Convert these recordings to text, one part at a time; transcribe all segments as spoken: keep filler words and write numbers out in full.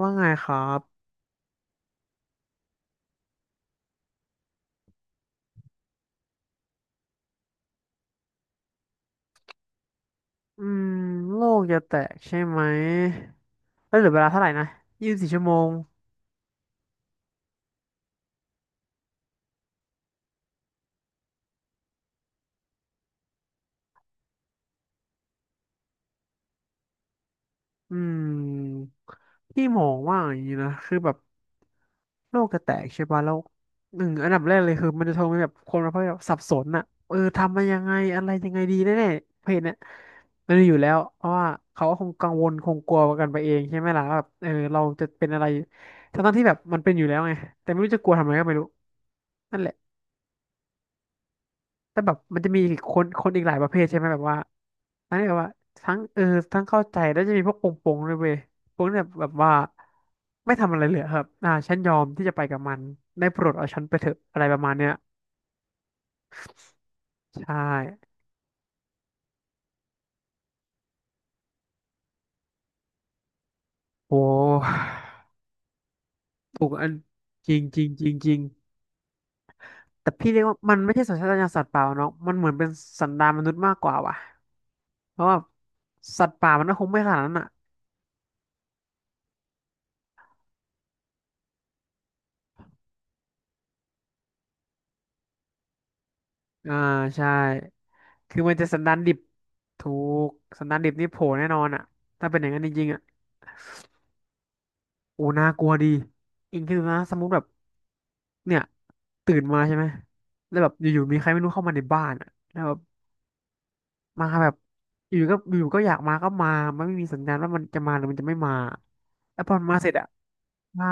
ว่าไงครับอืมโลกจะแตกใช่ไหมเอ้ยเหลือเวลาเท่าไหร่นะยี่สิบสี่ชั่วโมงอืมพี่มองว่าอย่างนี้นะ คือแบบโลกจะแตกใช่ป่ะแล้วหนึ่งอันดับแรกเลยคือมันจะทำให้แบบคนเราแบบสับสนอะ เออทำมายังไงอะไรยังไงดีแน่ๆเพจเนี่ยมันมีอยู่แล้วเพราะว่าเขาก็คงกังวลคงกลัวกันไปเองใช่ไหมล่ะว่าแบบเออเราจะเป็นอะไรทั้งๆที่แบบมันเป็นอยู่แล้วไงแต่ไม่รู้จะกลัวทำไมก็ไม่รู้นั่นแหละ แต่แบบมันจะมีคนคนอีกหลายประเภทใช่ไหมแบบว่าอันนี้แบบว่าทั้งเออทั้งเข้าใจแล้วจะมีพวกโปงโปงด้วยเว้ยโปงเนี่ยแบบว่าไม่ทำอะไรเลยครับอ่าฉันยอมที่จะไปกับมันได้โปรดเอาฉันไปเถอะอะไรประมาณเนี้ยใช่โอ้ถูกอันจริงจริงจริงจริงแต่พี่เรียกว่ามันไม่ใช่สัญชาตญาณสัตว์ป่าเนาะมันเหมือนเป็นสันดานมนุษย์มากกว่าว่ะเพราะว่าสัตว์ป่ามันก็คงไม่ขนาดนั้นอ่ะอ่าใช่ คือมันจะสันดานดิบถูกสันดานดิบนี่โผล่แน่นอนอ่ะถ้าเป็นอย่างนั้นจริงๆอ่ะโอ้น่ากลัวดีอิงคิดดูนะสมมติแบบเนี่ยตื่นมาใช่ไหม แล้วแบบอยู่ๆมีใครไม่รู้เข้ามาในบ้านอ่ะแล้วแบบมาแบบอยู่ๆก็อยู่ๆก็อยากมาก็มามันไม่มีสัญญาณว่ามันจะมาหรือมันจะไม่มาแล้วพอมันมาเสร็จอ่ะใช่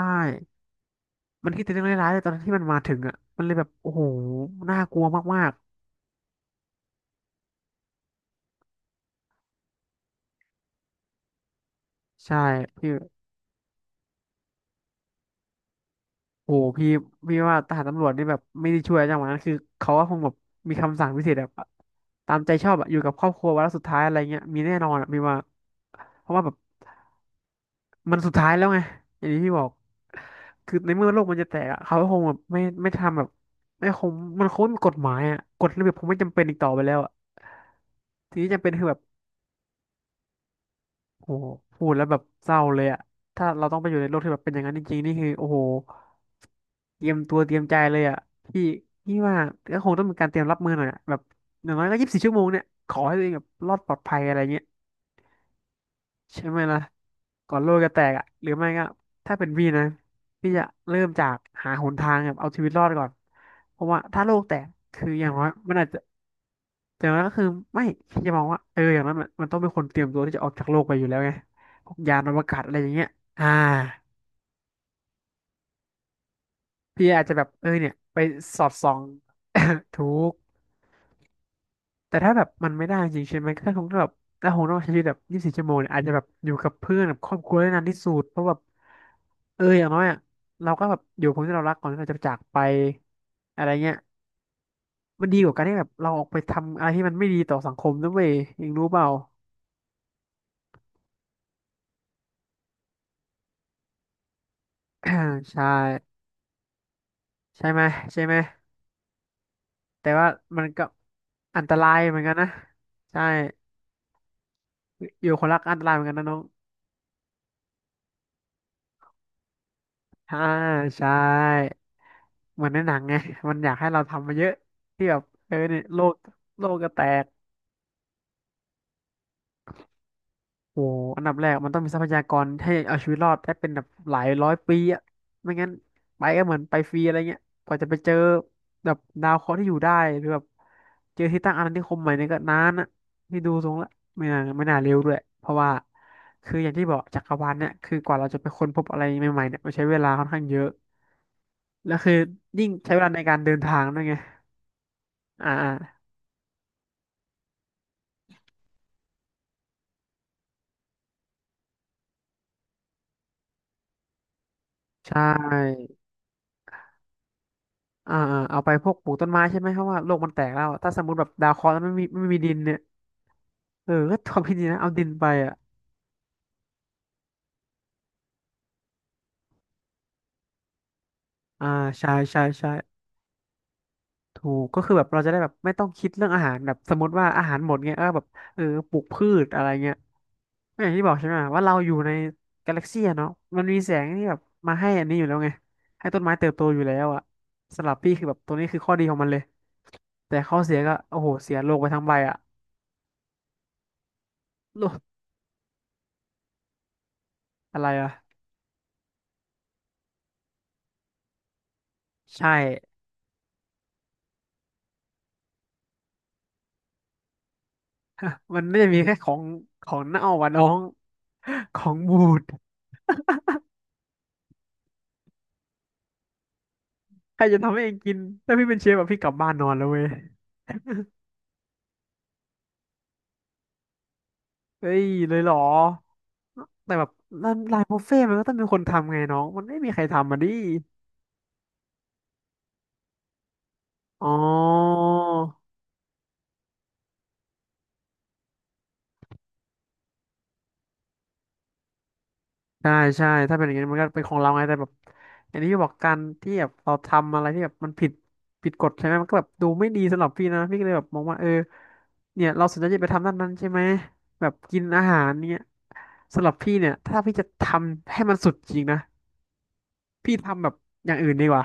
มันคิดแต่เรื่องร้ายๆเลยตอนที่มันมาถึงอ่ะมันเลยแบบโอ้โหน่ากลัวมากๆใช่ โอ้โหพี่พี่ว่าทหารตำรวจนี่แบบไม่ได้ช่วยจังหวะนั้นคือเขาก็คงแบบมีคำสั่งพิเศษแบบตามใจชอบอะอยู่กับครอบครัววันละสุดท้ายอะไรเงี้ยมีแน่นอนอะพี่ว่าเพราะว่าแบบมันสุดท้ายแล้วไงอย่างที่พี่บอกคือในเมื่อโลกมันจะแตกอะเขาก็คงแบบไม่ไม่ทำแบบไม่คงมันคงไม่มีกฎหมายอะกฎระเบียบคงไม่จำเป็นอีกต่อไปแล้วอะทีนี้จำเป็นคือแบบ โหพูดแล้วแบบเศร้าเลยอะถ้าเราต้องไปอยู่ในโลกที่แบบเป็นอย่างนั้นจริงๆนี่คือโอ้โหเตรียมตัวเตรียมใจเลยอะพี่พี่ว่าก็คงต้องมีการเตรียมรับมือหน่อยอะแบบอย่างน้อยก็ยี่สิบสี่ชั่วโมงเนี่ยขอให้ตัวเองแบบรอดปลอดภัยอะไรเงี้ยใช่ไหมล่ะก่อนโลกจะแตกอะหรือไม่ก็ถ้าเป็นพี่นะพี่จะเริ่มจากหาหนทางแบบเอาชีวิตรอดก่อนเพราะว่าถ้าโลกแตกคืออย่างน้อยมันอาจจะ แต่ว่าก็คือไม่พี่จะมองว่าเอออย่างนั้นมันมันต้องเป็นคนเตรียมตัวที่จะออกจากโลกไปอยู่แล้วไงพวกยานอวกาศอะไรอย่างเงี้ยอ่าพี่อาจจะแบบเออเนี่ยไปสอดส่อง ถูกแต่ถ้าแบบมันไม่ได้จริงใช่ไหมก็คงต้องแบบถ้าคงต้องใช้ชีวิตแบบยี่สิบสี่ชั่วโมงเนี่ยอาจจะแบบอยู่กับเพื่อนกับครอบครัวได้นานที่สุดเพราะแบบเอออย่างน้อยอ่ะเราก็แบบอยู่กับคนที่เรารักก่อนที่เราจะจากไปอะไรเงี้ยมันดีกว่าการที่แบบเราออกไปทำอะไรที่มันไม่ดีต่อสังคมด้วยเองรู้เปล่า ใช่ใช่ไหมใช่ไหม แต่ว่ามันก็อันตรายเหมือนกันนะใช่อยู่คนรักอันตรายเหมือนกันนะน้องอ่าใช่เหมือนในหนังไงมันอยากให้เราทำมาเยอะที่แบบเออเนี่ยโลกโลกก็แตก โอ้อันดับแรกมันต้องมีทรัพยากรให้เอาชีวิตรอดได้เป็นแบบหลายร้อยปีอะไม่งั้นไปก็เหมือนไปฟรีอะไรเงี้ยกว่าจะไปเจอแบบดาวเคราะห์ที่อยู่ได้หรือแบบเจอที่ตั้งอาณานิคมใหม่เนี่ยก็นานอะนี่ดูทรงละไม่น่าไม่น่าเร็วด้วยเพราะว่าคืออย่างที่บอกจักรวาลเนี่ยคือกว่าเราจะไปค้นพบอะไรใหม่ๆเนี่ยมันใช้เวลาค่อนข้างเยอะแล้วคือยิ่งใช้เวลาในการเดินทางด้วยไงอ่าอ่าใช่อ่าๆเอาไปพวกปลูกต้นไม้ใช่ไหมเพราะว่าโลกมันแตกแล้วถ้าสมมติแบบดาวเคราะห์แล้วไม่มีไม่มีดินเนี่ย เออก็ความคิดดีนะเอาดินไปอ่ะอ่าใช่ใช่ใช่ถูกก็คือแบบเราจะได้แบบไม่ต้องคิดเรื่องอาหารแบบสมมติว่าอาหารหมดเงี้ยก็แบบเออปลูกพืชอะไรเงี้ยก็อย่างที่บอกใช่ไหมว่าเราอยู่ในกาแล็กซี่เนาะมันมีแสงที่แบบมาให้อันนี้อยู่แล้วไง ให้ต้นไม้เติบโตอยู่แล้วอ่ะสำหรับพี่คือแบบตัวนี้คือข้อดีของมันเลยแต่ข้อเสียก็โอ้โหเสียโลกไปทั้งใบอ่ะโลกอะไรอ่ะใช่มันไม่ได้มีแค่ของของเน่าอ่ะน้อง ของบูด ใครจะทำให้เองกินถ้าพี่เป็นเชฟแบบพี่กลับบ้านนอนแล้วเว้ยเฮ้ยเลยเหรอแต่แบบร้านรายบุฟเฟ่ต์มันก็ต้องมีคนทำไงน้องมันไม่มีใครทำมาดิอ๋อใช่ใช่ถ้าเป็นอย่างนี้มันก็เป็นของเราไงแต่แบบอันนี้พี่บอกการที่แบบเราทำอะไรที่แบบมันผิดผิดกฎใช่ไหมมันก็แบบดูไม่ดีสำหรับพี่นะพี่ก็เลยแบบมองว่าเออเนี่ยเราสนใจจะไปทำด้านนั้นใช่ไหมแบบกินอาหารเนี่ยสำหรับพี่เนี่ยถ้าพี่จะทำให้มันสุดจริงนะพี่ทำแบบอย่างอื่นดีกว่า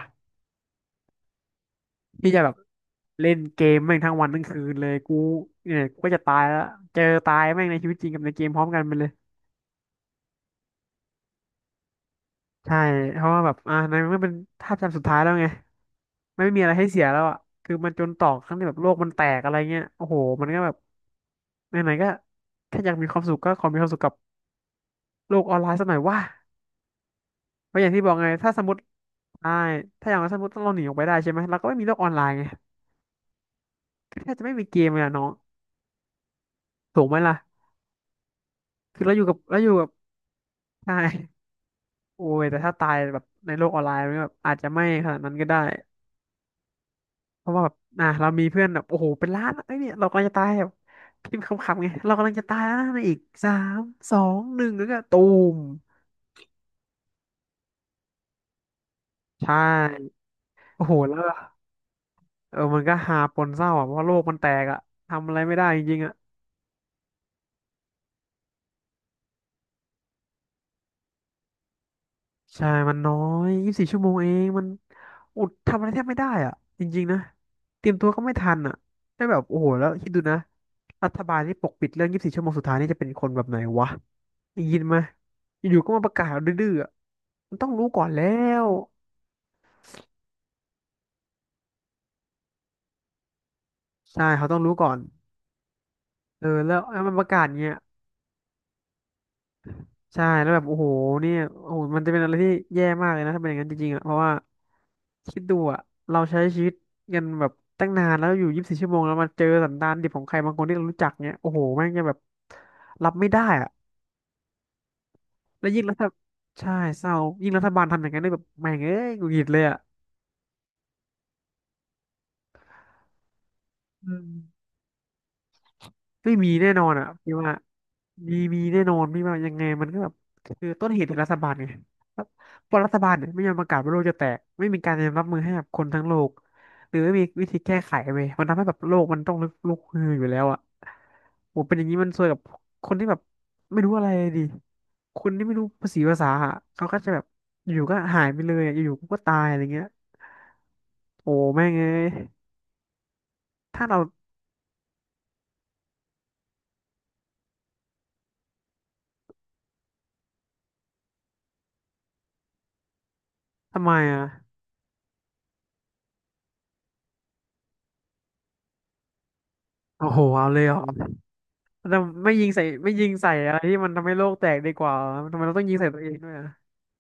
พี่จะแบบเล่นเกมแม่งทั้งวันทั้งคืนเลยกูเนี่ยกูก็จะตายแล้วเจอตายแม่งในชีวิตจริงกับในเกมพร้อมกันไปเลยใช่เพราะว่าแบบอ่าในเมื่อเป็นท่าจำสุดท้ายแล้วไงไม่มีอะไรให้เสียแล้วอ่ะคือมันจนตอกทั้งที่แบบโลกมันแตกอะไรเงี้ยโอ้โหมันก็แบบไหนๆก็แค่อยากมีความสุขก็ขอมีความสุขกับโลกออนไลน์สักหน่อยว่าเพราะอย่างที่บอกไงถ้าสมมติใช่ถ้าอย่างนั้นสมมติต้องเราหนีออกไปได้ใช่ไหมเราก็ไม่มีโลกออนไลน์ไงก็แทบจะไม่มีเกมเลยอะน้องถูกไหมล่ะคือเราอยู่กับเราอยู่กับใช่ โอ้ยแต่ถ้าตายแบบในโลกออนไลน์มันก็แบบอาจจะไม่ขนาดนั้นก็ได้เพราะว่าแบบอ่ะเรามีเพื่อนแบบโอ้โหเป็นล้านอะเอ้ยเนี่ยเรากำลังจะตายแบบพิมพ์คำๆไงเรากำลังจะตายแล้วนะในอีกสาม สอง หนึ่งแล้วก็ตูมใช่โอ้โหแล้วก็เออมันก็หาปนเศร้าอ่ะเพราะว่าโลกมันแตกอ่ะทำอะไรไม่ได้จริงๆอ่ะใช่มันน้อยยี่สิบสี่ชั่วโมงเองมันอุดทำอะไรแทบไม่ได้อ่ะจริงๆนะเตรียมตัวก็ไม่ทันอ่ะได้แบบโอ้โหแล้วคิดดูนะรัฐบาลที่ปกปิดเรื่องยี่สิบสี่ชั่วโมงสุดท้ายนี่จะเป็นคนแบบไหนวะ ได้ยินไหมาอยู่ๆก็มาประกาศดื้อๆอะมันต้องรู้ก่อนแล้วใช่เขาต้องรู้ก่อนเออแล้วแล้วมันประกาศเงี้ยใช่แล้วแบบโอ้โหเนี่ยโอ้โหมันจะเป็นอะไรที่แย่มากเลยนะถ้าเป็นอย่างนั้นจริงๆอ่ะเพราะว่าคิดดูอ่ะเราใช้ชีวิตกันแบบตั้งนานแล้วอยู่ยี่สิบสี่ชั่วโมงแล้วมาเจอสันดานดิบของใครบางคนที่เรารู้จักเนี้ยโอ้โหแม่งจะแบบรับไม่ได้อ่ะแล้วยิ่งรัฐใช่เศร้ายิ่งรัฐบาลทำอย่างนั้นได้แบบแม่งเอ้ยหงุดหงิดเลยอ่ะอืม ไม่มีแน่นอนอ่ะพี่ว่ามีมีแน่นอนพี่ว่ายังไงมันก็แบบคือต้นเหตุคือรัฐบาลไงรัฐเพราะรัฐบาลเนี่ยไม่ยอมประกาศว่าโลกจะแตกไม่มีการเตรียมรับมือให้กับคนทั้งโลกหรือไม่มีวิธีแก้ไขเว้ยมันทำให้แบบโลกมันต้องลุกลุกฮืออยู่แล้วอ่ะโหเป็นอย่างนี้มันซวยกับคนที่แบบไม่รู้อะไรเลยดิคนที่ไม่รู้ภาษีภาษาอะเขาก็จะแบบอยู่ก็หายไปเลยอะอยู่ๆก็ตายอะไรเงี้ยโอ้แม่งเอ้ยถ้าเราทำไมอ่ะโอ้โหเอาเลยเหรอ แต่ไม่ยิงใส่ไม่ยิงใส่อะไรที่มันทำให้โลกแตกดีกว่าทำไมเราต้องยิงใส่ตัวเองด้วยอะ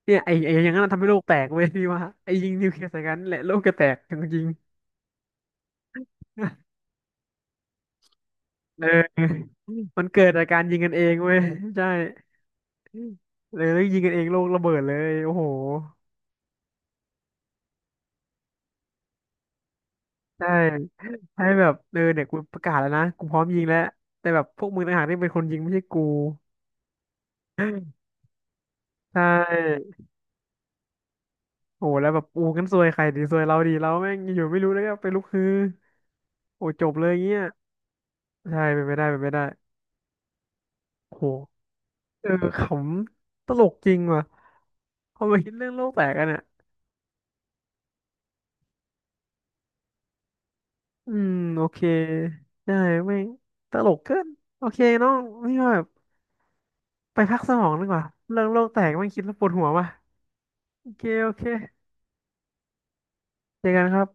เนี่ยไอ้ไอ้อย่างนั้นนะทำให้โลกแตกเว้ย พี่ว่าไอ้ยิงนิวเคลียร์ใส่กันแหละโลกจะแตกจริงๆ เออมันเกิดจากการยิงกันเองเว้ยใช่เลยแล้วยิงกันเองโลกระเบิดเลยโอ้โหใช่ใช่แบบเออเนี่ยกูประกาศแล้วนะกูพร้อมยิงแล้วแต่แบบพวกมึงต่างหากที่เป็นคนยิงไม่ใช่กูใช่โอ้โหแล้วแบบอูกันซวยใครดีซวยเราดีเราแม่งอยู่ไม่รู้แล้วก็ไปลุกฮือโอ้จบเลยเงี้ย ใช่เป็นไม่ได้เป็นไม่ได้โหเออขำตลกจริงว่ะพอมาคิดเรื่องโลกแตกกันเนี่ย อืมโอเค ใช่ไม่งตลกเกินโอเคน้องนี่ว่าแบบไปพักสมองดีกว่าเรื่องโลกแตกไม่งคิดแล้วปวดหัวว่ะโอเคโอเคเจอกันครับ